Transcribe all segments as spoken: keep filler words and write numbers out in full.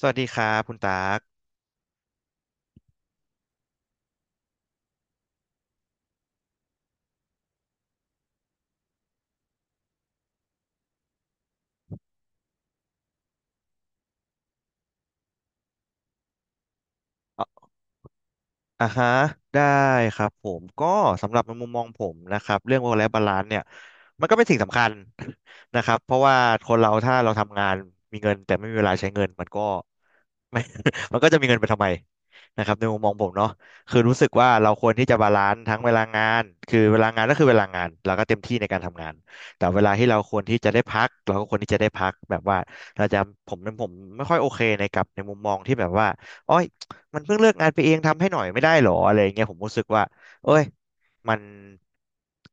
สวัสดีครับคุณตากอ่ะอ่าฮะได้ครับผมก็สำหรับในมุมมองผมนะครับเรื่อง work life balance เนี่ยมันก็เป็นสิ่งสำคัญ นะครับเพราะว่าคนเราถ้าเราทำงานมีเงินแต่ไม่มีเวลาใช้เงินมันก็ ไม่ มันก็จะมีเงินไปทำไมนะครับในมุมมองผมเนาะคือรู้สึกว่าเราควรที่จะบาลานซ์ทั้งเวลางานคือเวลางานก็คือเวลางานเราก็เต็มที่ในการทำงานแต่เวลาที่เราควรที่จะได้พักเราก็ควรที่จะได้พักแบบว่าเราจะผมผมไม่ค่อยโอเคในกับในมุมมองที่แบบว่าโอ้ย มันเพิ่งเลิกงานไปเองทำให้หน่อยไม่ได้หรออะไรอย่างเงี้ยผมรู้สึกว่าเอ้ยมัน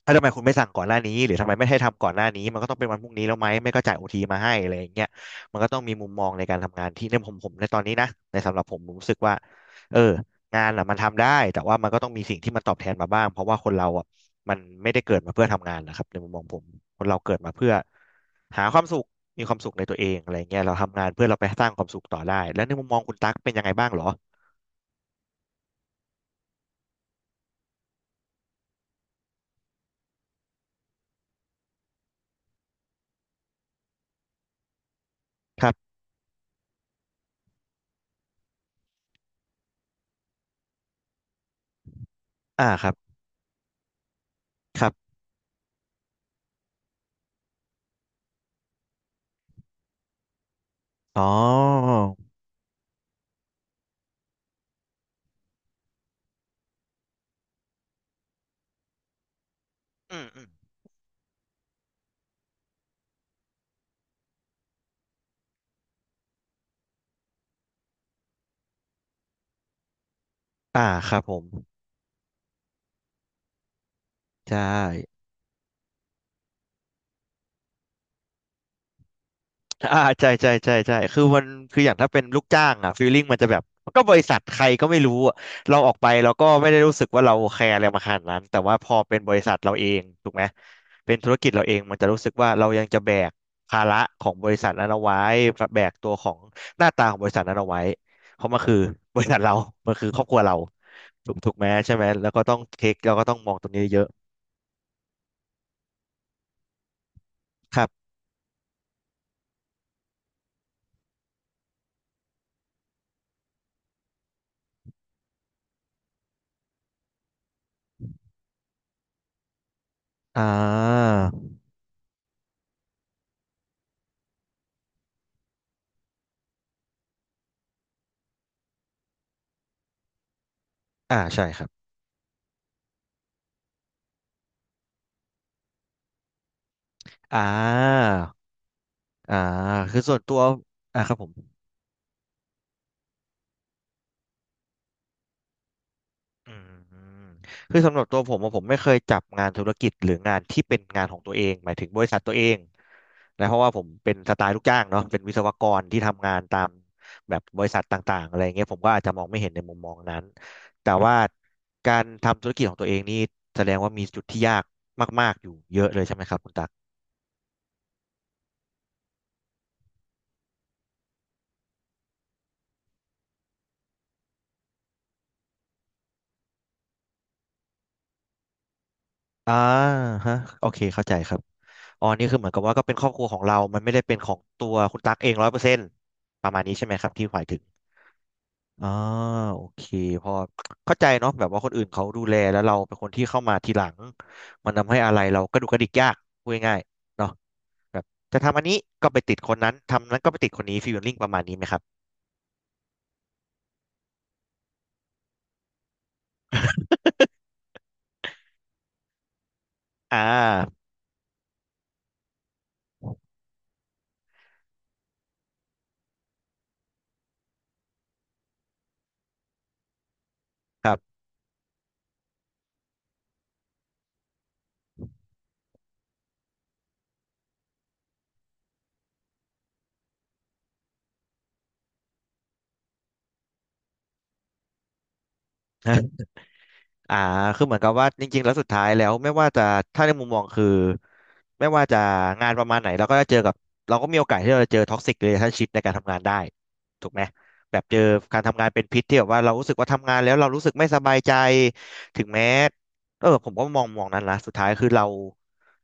ถ้าทำไมคุณไม่สั่งก่อนหน้านี้หรือทำไมไม่ให้ทำก่อนหน้านี้มันก็ต้องเป็นวันพรุ่งนี้แล้วไหมไม่ก็จ่ายโอทีมาให้อะไรอย่างเงี้ยมันก็ต้องมีมุมมองในการทำงานที่ในผมผมในตอนนี้นะในสำหรับผมผมรู้สึกว่าเอองานอ่ะมันทำได้แต่ว่ามันก็ต้องมีสิ่งที่มันตอบแทนมาบ้างเพราะว่าคนเราอ่ะมันไม่ได้เกิดมาเพื่อทำงานนะครับในมุมมองผมคนเราเกิดมาเพื่อหาความสุขมีความสุขในตัวเองอะไรเงี้ยเราทำงานเพื่อเราไปสร้างความสุขต่อได้แล้วในมุมมองคุณตั๊กเป็นยังไงบ้างเหรอ ครับอ่าครับครับอ๋ออืมอืมอ่าครับผมใช่อ่าใช่ใช่ใช่ใช่คือมันคืออย่างถ้าเป็นลูกจ้างอ่ะฟีลลิ่งมันจะแบบมันก็บริษัทใครก็ไม่รู้อะเราออกไปเราก็ไม่ได้รู้สึกว่าเราแคร์อะไรมาขนาดนั้นแต่ว่าพอเป็นบริษัทเราเองถูกไหมเป็นธุรกิจเราเองมันจะรู้สึกว่าเรายังจะแบกภาระของบริษัทนั้นเอาไว้แบกตัวของหน้าตาของบริษัทนั้นเอาไว้เพราะมันคือ บริษัทเรามันคือครอบครัวเราถูกถูกไหมใช่ไหมแล้วก็ต้องเทคเราก็ต้องมองตรงนี้เยอะ ครับอ่าอ่าใช่ครับอ่าอ่าคือส่วนตัวอ่าครับผมอืมคือสำหรับตัวผมอะผมไม่เคยจับงานธุรกิจหรืองานที่เป็นงานของตัวเอง หมายถึงบริษัทตัวเองนะเพราะว่าผมเป็นสไตล์ลูกจ้างเนาะเป็นวิศวกรที่ทำงานตามแบบบริษัทต่างๆอะไรเงี้ยผมก็อาจจะมองไม่เห็นในมุมมองนั้นแต่ว่าการทำธุรกิจของตัวเองนี่แสดงว่ามีจุดที่ยากมากๆ อยู่เยอะเลยใช่ไหมครับคุณตักอ่าฮะโอเคเข้าใจครับ อ๋อนี่คือเหมือนกับว่าก็เป็นครอบครัวของเรามันไม่ได้เป็นของตัวคุณตั๊กเองร้อยเปอร์เซ็นต์ประมาณนี้ใช่ไหมครับที่หมายถึงอ่าโอเคพอเข้าใจเนาะแบบว่าคนอื่นเขาดูแลแล้วเราเป็นคนที่เข้ามาทีหลังมันทำให้อะไรเรากระดุกกระดิกยากพูดง่ายๆเนาะแบบจะทำอันนี้ก็ไปติดคนนั้นทำนั้นก็ไปติดคนนี้ฟีลลิ่งประมาณนี้ไหมครับอ่าครับ อ่าคือเหมือนกับว่าจริงๆแล้วสุดท้ายแล้วไม่ว่าจะถ้าในมุมมองคือไม่ว่าจะงานประมาณไหนเราก็จะเจอกับเราก็มีโอกาสที่เราจะเจอท็อกซิกเ a ล a t ชั่นชิพในการทำงานได้ถูกไหมแบบเจอการทำงานเป็นพิษที่แบบว่าเรารู้สึกว่าทำงานแล้วเรารู้สึกไม่สบายใจถึงแม้เออผมก็มองมองนั้นละสุดท้ายคือเรา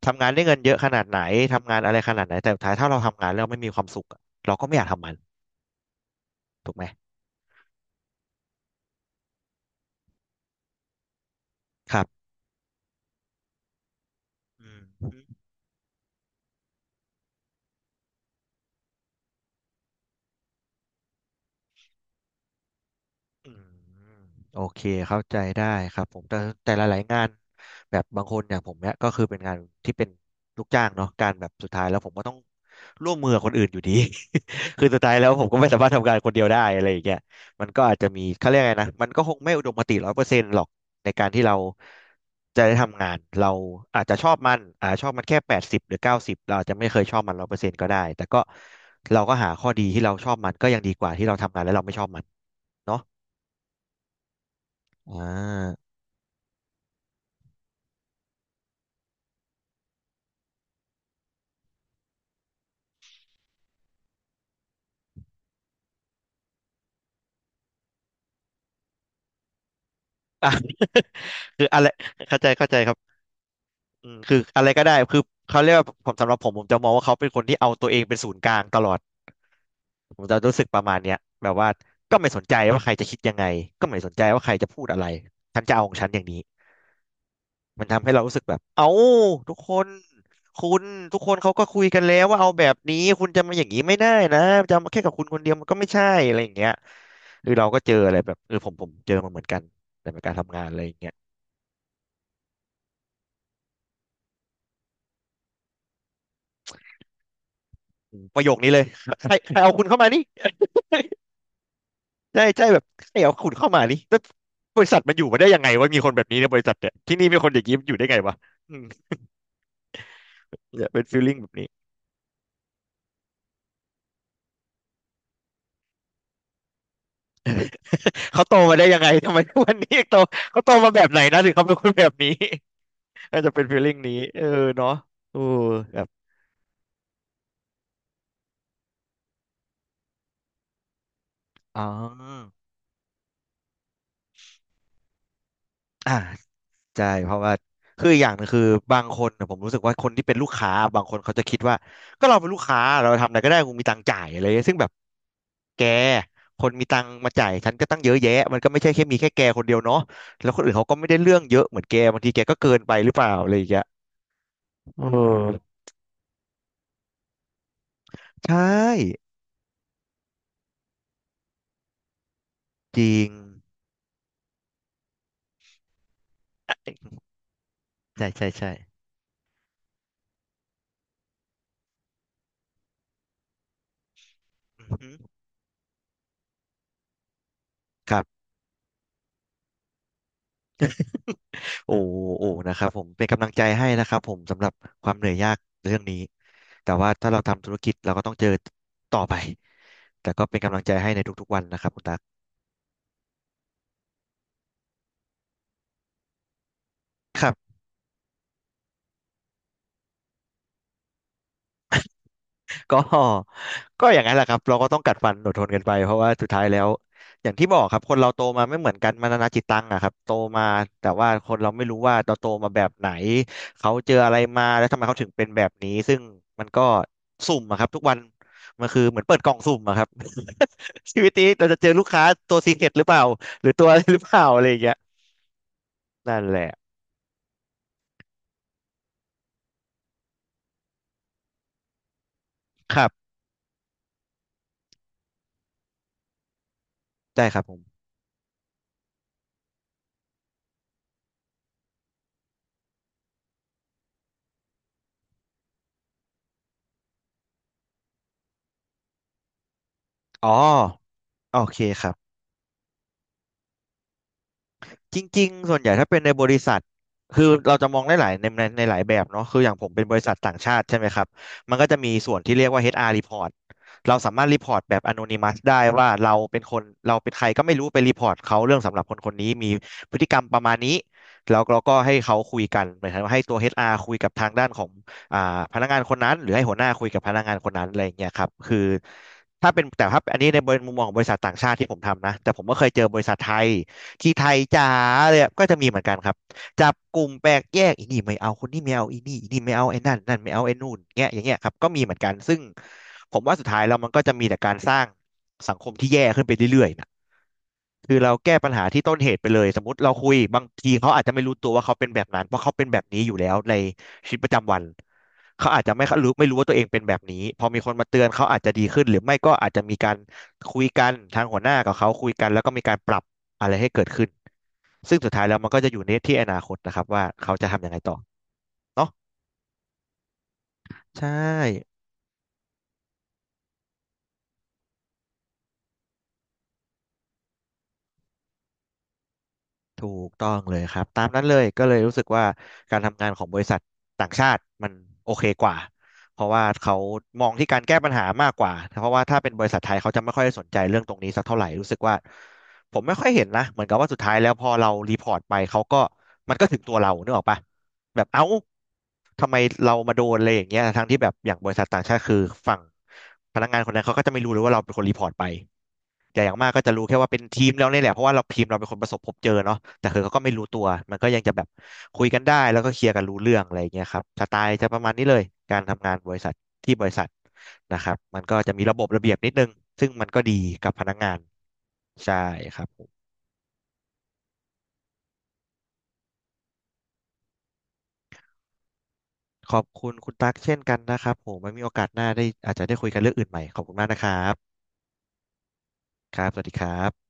ทำงานได้เงินเยอะขนาดไหนทำงานอะไรขนาดไหนแต่สุดท้ายถ้าเราทำงานแล้วไม่มีความสุขอะเราก็ไม่อยากทำมันถูกไหมครับอืม อืมโอเคเข้าใจได้ครับผมแต่แต่หลายๆงานแบบบางคนอย่างผมเนี่ยก็คือเป็นงานที่เป็นลูกจ้างเนาะการแบบสุดท้ายแล้วผมก็ต้องร่วมมือกับคนอื่นอยู่ดี คือสุดท้ายแล้วผมก็ไม่สามารถทำงานคนเดียวได้อะไรอย่างเงี้ยมันก็อาจจะมีเขาเรียกไงนะมันก็คงไม่อุดมคติร้อยเปอร์เซ็นต์หรอกในการที่เราจะได้ทำงานเราอาจจะชอบมันอาจจะชอบมันแค่แปดสิบหรือเก้าสิบเราอาจจะไม่เคยชอบมันร้อยเปอร์เซ็นต์ก็ได้แต่ก็เราก็หาข้อดีที่เราชอบมันก็ยังดีกว่าที่เราทำงานแล้วเราไม่ชอบมันเนาะ อ่า อ่ะ คืออะไรเข้าใจเข้าใจครับอืมคืออะไรก็ได้คือเขาเรียกว่าผมสำหรับผมผมจะมองว่าเขาเป็นคนที่เอาตัวเองเป็นศูนย์กลางตลอดผมจะรู้สึกประมาณเนี้ยแบบว่าก็ไม่สนใจว่าใครจะคิดยังไงก็ไม่สนใจว่าใครจะพูดอะไรฉันจะเอาของฉันอย่างนี้มันทำให้เรารู้สึกแบบเอ้าทุกคนคุณทุกคนเขาก็คุยกันแล้วว่าเอาแบบนี้คุณจะมาอย่างนี้ไม่ได้นะจะมาแค่กับคุณคนเดียวมันก็ไม่ใช่อะไรอย่างเงี้ยคือเราก็เจออะไรแบบเออผมผมเจอมาเหมือนกันแต่เป็นการทำงานอะไรอย่างเงี้ย ประโยคนี้เลย ใครใครเอาคุณเข้ามานี่ใช่ใช่แบบใครเอาคุณเข้ามานี่แล้วบริษัทมันอยู่มาได้ยังไงวะมีคนแบบนี้ในบริษัทเนี่ยที่นี่มีคนอย่างนี้อยู่ได้ไงวะอืมเนี่ยเป็นฟีลลิ่งแบบนี้ เขาโตมาได้ยังไงทำไมทุกวันนี้ยังโตเขาโตมาแบบไหนนะถึงเขาเป็นคนแบบนี้ อาจจะเป็นฟีลลิ่งนี้เออเนาะโอแบบอ๋ออ่า ใช่เพราะว่าคืออกอย่างหนึงคือบางคนนะผมรู้สึกว่าคนที่เป็นลูกค้าบางคนเขาจะคิดว่าก็เราเป็นลูกค้าเราทำอะไรก็ได้กูมีตังค์จ่ายอะไรเงี้ยซึ่งแบบแกคนมีตังค์มาจ่ายฉันก็ตั้งเยอะแยะมันก็ไม่ใช่แค่มีแค่แกคนเดียวเนาะแล้วคนอื่นเขาก็ไม่ได้เรื่องเยอะเหมือนแกบางทีแกก็เกินไปหรือเปล่าอะไรอย่างเงี้ยเออใช่จริงใช่ใช่ใช่อือหือครับ โอ้โอ้นะครับผมเป็นกำลังใจให้นะครับผมสำหรับความเหนื่อยยากเรื่องนี้แต่ว่าถ้าเราทำธุรกิจเราก็ต้องเจอต่อไปแต่ก็เป็นกำลังใจให้ในทุกๆวันนะครับคุณตั๊กครับ ก็ ก็อย่างนั้นแหละครับเราก็ต้องกัดฟันอดทนกันไปเพราะว่าสุดท้ายแล้วอย่างที่บอกครับคนเราโตมาไม่เหมือนกันมานานาจิตตังอะครับโตมาแต่ว่าคนเราไม่รู้ว่าเราโตมาแบบไหนเขาเจออะไรมาแล้วทำไมเขาถึงเป็นแบบนี้ซึ่งมันก็สุ่มอะครับทุกวันมันคือเหมือนเปิดกล่องสุ่มอะครับ ชีวิตนี้เราจะเจอลูกค้าตัวซีเค็ดหรือเปล่าหรือตัวอะไรหรือเปล่าอะไรอย่างเงี้ยนั่นแหละครับได้ครับผมอ๋อโอเคครับ จริงๆ ส่วนใหญ่ถ้าเป็นในบริษัทคือเราจะมองได้หลายในในในหลายแบบเนาะคืออย่างผมเป็นบริษัทต่างชาติใช่ไหมครับมันก็จะมีส่วนที่เรียกว่า เอช อาร์ report เราสามารถรีพอร์ตแบบ anonymous ได้ว่าเราเป็นคนเราเป็นใครก็ไม่รู้ไปรีพอร์ตเขาเรื่องสำหรับคนคนนี้มีพฤติกรรมประมาณนี้แล้วเราก็ให้เขาคุยกันเหมือนกับให้ตัว เอช อาร์ คุยกับทางด้านของอ่าพนักงานคนนั้นหรือให้หัวหน้าคุยกับพนักงานคนนั้นอะไรอย่างเงี้ยครับคือถ้าเป็นแต่ถ้าอันนี้ในมุมมองของบริษัทต่างชาติที่ผมทำนะแต่ผมก็เคยเจอบริษัทไทย ที่ไทยจ๋าเลยอะก็จะมีเหมือนกันครับจับกลุ่มแปลกแยกอีนี่ไม่เอาคนนี้ไม่เอาอีนี่อีนี่ไม่เอาไอ้นั่นนั่นไม่เอาไอ้นู่นเงี้ยอย่างเงี้ยครับก็มีเหมือนกันซึ่งผมว่าสุดท้ายแล้วมันก็จะมีแต่การสร้างสังคมที่แย่ขึ้นไปเรื่อยๆนะคือเราแก้ปัญหาที่ต้นเหตุไปเลยสมมติเราคุยบางทีเขาอาจจะไม่รู้ตัวว่าเขาเป็นแบบนั้นเพราะเขาเป็นแบบนี้อยู่แล้วในชีวิตประจำวันเขาอาจจะไม่รู้ไม่รู้ว่าตัวเองเป็นแบบนี้พอมีคนมาเตือนเขาอาจจะดีขึ้นหรือไม่ก็อาจจะมีการคุยกันทางหัวหน้ากับเขาคุยกันแล้วก็มีการปรับอะไรให้เกิดขึ้น ซึ่งสุดท้ายแล้วมันก็จะอยู่ในที่อนาคตนะครับว่าเขาจะทำยังไงต่อเนาะใช่ ถูกต้องเลยครับตามนั้นเลยก็เลยรู้สึกว่าการทำงานของบริษัทต่างชาติมันโอเคกว่าเพราะว่าเขามองที่การแก้ปัญหามากกว่าเพราะว่าถ้าเป็นบริษัทไทยเขาจะไม่ค่อยสนใจเรื่องตรงนี้สักเท่าไหร่รู้สึกว่าผมไม่ค่อยเห็นนะเหมือนกับว่าสุดท้ายแล้วพอเรารีพอร์ตไปเขาก็มันก็ถึงตัวเรานึกออกปะแบบเอ้าทำไมเรามาโดนอะไรอย่างเงี้ยทั้งที่แบบอย่างบริษัทต่างชาติคือฝั่งพนักงานคนนั้นเขาก็จะไม่รู้เลยว่าเราเป็นคนรีพอร์ตไป แต่อย่างมากก็จะรู้แค่ว่าเป็นทีมเราเนี่ยแหละเพราะว่าเราทีมเราเป็นคนประสบพบเจอเนาะแต่คือเขาก็ไม่รู้ตัวมันก็ยังจะแบบคุยกันได้แล้วก็เคลียร์กันรู้เรื่องอะไรอย่างเงี้ยครับสไตล์จะประมาณนี้เลยการทำงานบริษัทที่บริษัทนะครับมันก็จะมีระบบระเบียบนิดนึงซึ่งมันก็ดีกับพนักงานใช่ครับผมขอบคุณคุณตั๊กเช่นกันนะครับผมไม่มีโอกาสหน้าได้อาจจะได้คุยกันเรื่องอื่นใหม่ขอบคุณมากนะครับครับสวัสดีครับ